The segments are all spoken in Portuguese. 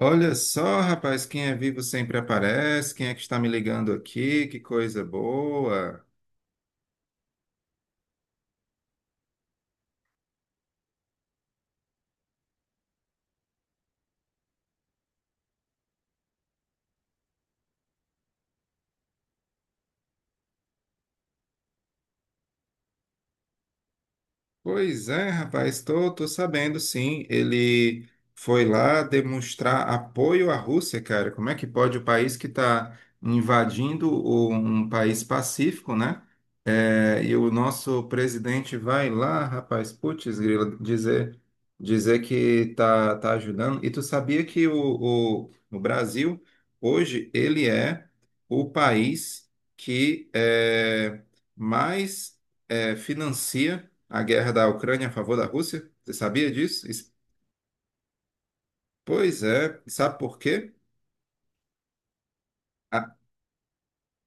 Olha só, rapaz, quem é vivo sempre aparece. Quem é que está me ligando aqui? Que coisa boa. Pois é, rapaz, tô sabendo sim. Ele foi lá demonstrar apoio à Rússia, cara. Como é que pode o país que está invadindo um país pacífico, né? É, e o nosso presidente vai lá, rapaz, putz, grila, dizer que tá ajudando. E tu sabia que o Brasil, hoje, ele é o país que é, mais é, financia a guerra da Ucrânia a favor da Rússia? Você sabia disso? Isso- Pois é. Sabe por quê? Ah,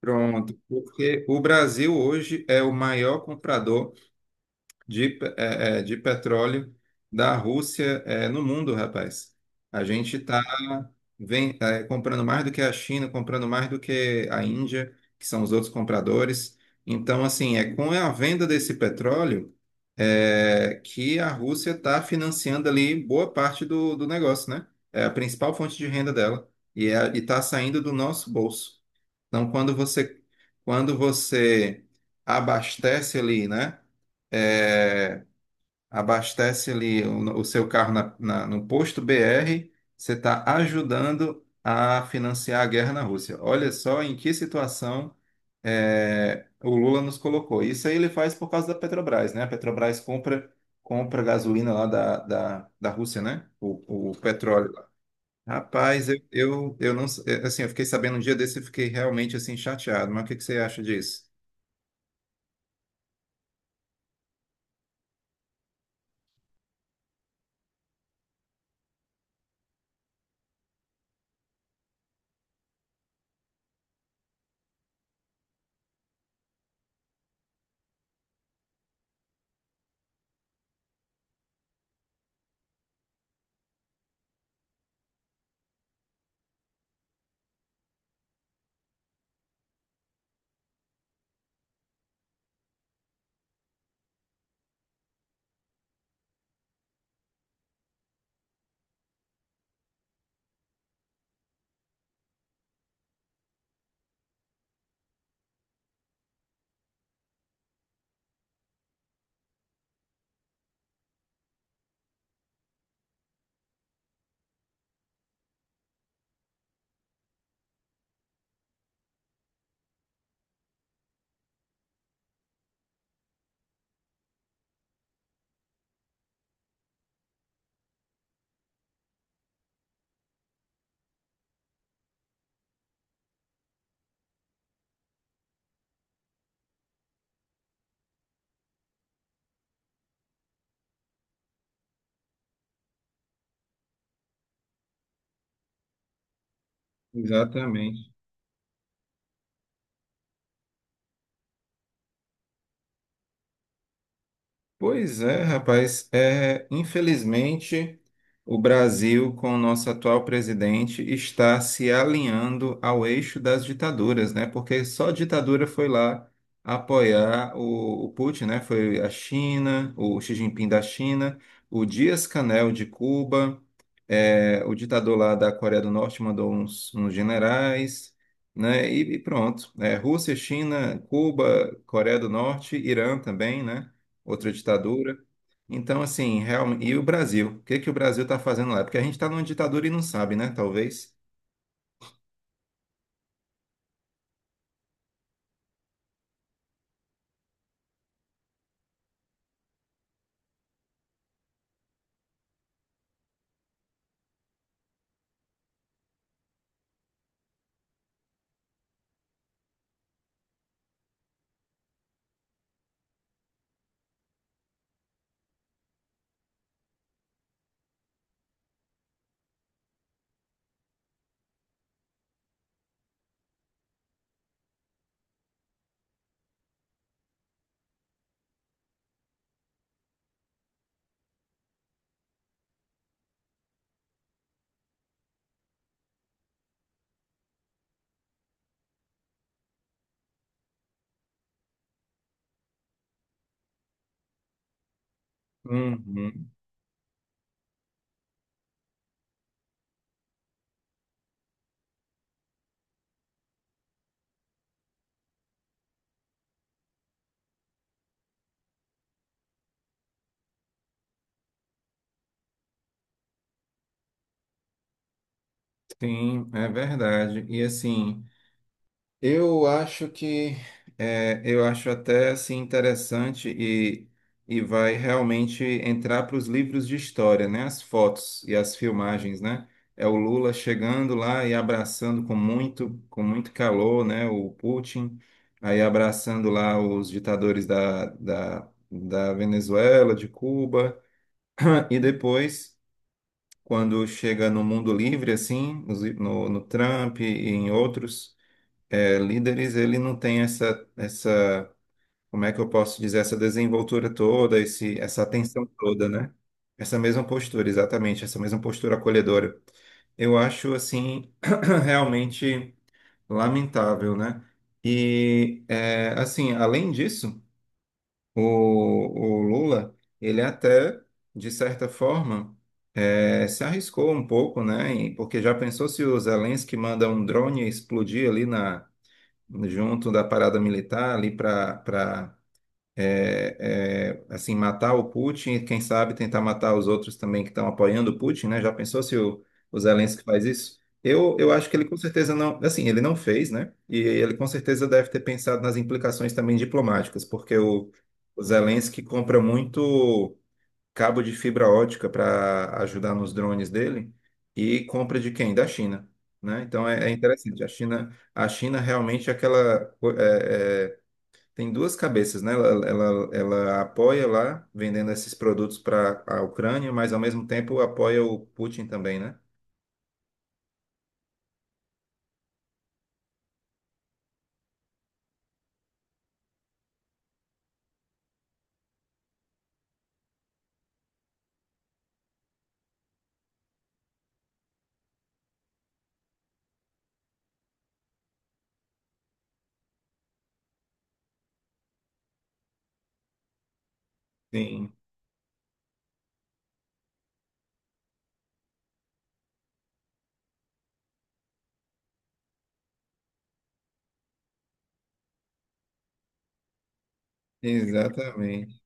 pronto. Porque o Brasil hoje é o maior comprador de, de petróleo da Rússia é, no mundo, rapaz. A gente está comprando mais do que a China, comprando mais do que a Índia, que são os outros compradores. Então, assim, é com a venda desse petróleo é, que a Rússia está financiando ali boa parte do negócio, né? É a principal fonte de renda dela e é, e está saindo do nosso bolso. Então, quando você abastece ali, né? é, abastece ali o seu carro no posto BR, você está ajudando a financiar a guerra na Rússia. Olha só em que situação é, o Lula nos colocou. Isso aí ele faz por causa da Petrobras, né? A Petrobras compra gasolina lá da Rússia, né? O petróleo. Rapaz, eu não, assim, eu fiquei sabendo um dia desse e fiquei realmente assim chateado, mas o que que você acha disso? Exatamente. Pois é, rapaz. É, infelizmente, o Brasil, com o nosso atual presidente, está se alinhando ao eixo das ditaduras, né? Porque só ditadura foi lá apoiar o Putin, né? Foi a China, o Xi Jinping da China, o Dias-Canel de Cuba, é, o ditador lá da Coreia do Norte mandou uns, uns generais, né? E pronto. É, Rússia, China, Cuba, Coreia do Norte, Irã também, né? outra ditadura. Então, assim, realmente. E o Brasil? O que que o Brasil está fazendo lá? Porque a gente está numa ditadura e não sabe, né? Talvez. Uhum. Sim, é verdade. E assim. Eu acho que é, eu acho até assim interessante e vai realmente entrar para os livros de história, né? As fotos e as filmagens, né? É o Lula chegando lá e abraçando com muito calor, né? O Putin aí abraçando lá os ditadores da Venezuela, de Cuba e depois quando chega no Mundo Livre assim, nos li- no, no Trump e em outros é, líderes, ele não tem essa, como é que eu posso dizer, essa desenvoltura toda, esse, essa atenção toda, né? Essa mesma postura, exatamente, essa mesma postura acolhedora. Eu acho, assim, realmente lamentável, né? E, é, assim, além disso, o Lula, ele até, de certa forma, é, se arriscou um pouco, né? E- Porque já pensou se o Zelensky manda um drone explodir ali na junto da parada militar ali para assim matar o Putin e quem sabe tentar matar os outros também que estão apoiando o Putin, né? Já pensou se o Zelensky faz isso? Eu acho que ele com certeza não, assim, ele não fez, né? E ele com certeza deve ter pensado nas implicações também diplomáticas, porque o Zelensky compra muito cabo de fibra ótica para ajudar nos drones dele e compra de quem? Da China, né? Então é, é interessante. A China realmente é aquela tem duas cabeças, né? Ela apoia lá vendendo esses produtos para a Ucrânia, mas ao mesmo tempo apoia o Putin também, né? Sim, exatamente.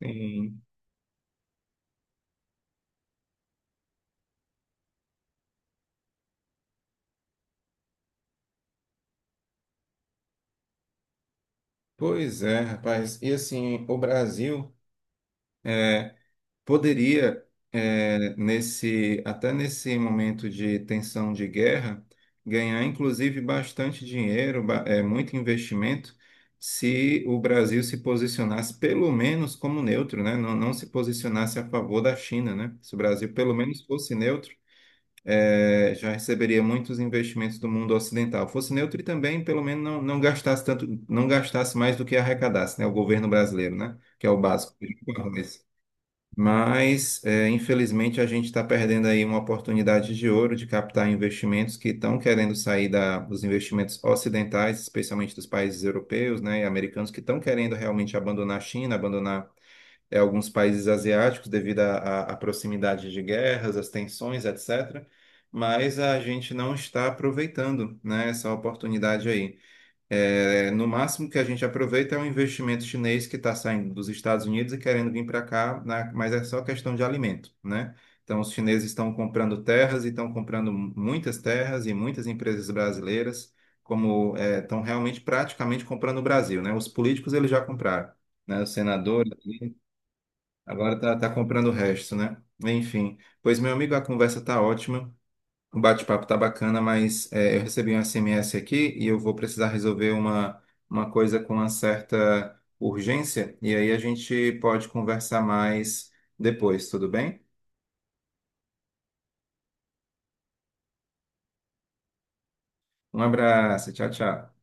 Sim. Pois é, rapaz. E assim, o Brasil é, poderia eh, nesse momento de tensão de guerra ganhar inclusive bastante dinheiro, muito investimento, se o Brasil se posicionasse pelo menos como neutro, né? Não se posicionasse a favor da China, né? Se o Brasil pelo menos fosse neutro, eh, já receberia muitos investimentos do mundo ocidental. Fosse neutro e também pelo menos não gastasse tanto, não gastasse mais do que arrecadasse, né? O governo brasileiro, né? Que é o básico. Mas, é, infelizmente, a gente está perdendo aí uma oportunidade de ouro de captar investimentos que estão querendo sair dos investimentos ocidentais, especialmente dos países europeus, né, e americanos, que estão querendo realmente abandonar a China, abandonar, é, alguns países asiáticos devido à proximidade de guerras, às tensões, etc. Mas a gente não está aproveitando, né, essa oportunidade aí. É, no máximo que a gente aproveita é um investimento chinês que está saindo dos Estados Unidos e querendo vir para cá, na- mas é só questão de alimento, né? Então, os chineses estão comprando terras e estão comprando muitas terras e muitas empresas brasileiras, como é, estão realmente praticamente comprando o Brasil, né? Os políticos eles já compraram, né? O senador ali, agora está comprando o resto, né? Enfim, pois meu amigo, a conversa está ótima, o bate-papo tá bacana, mas é, eu recebi um SMS aqui e eu vou precisar resolver uma coisa com uma certa urgência. E aí a gente pode conversar mais depois, tudo bem? Um abraço, tchau, tchau.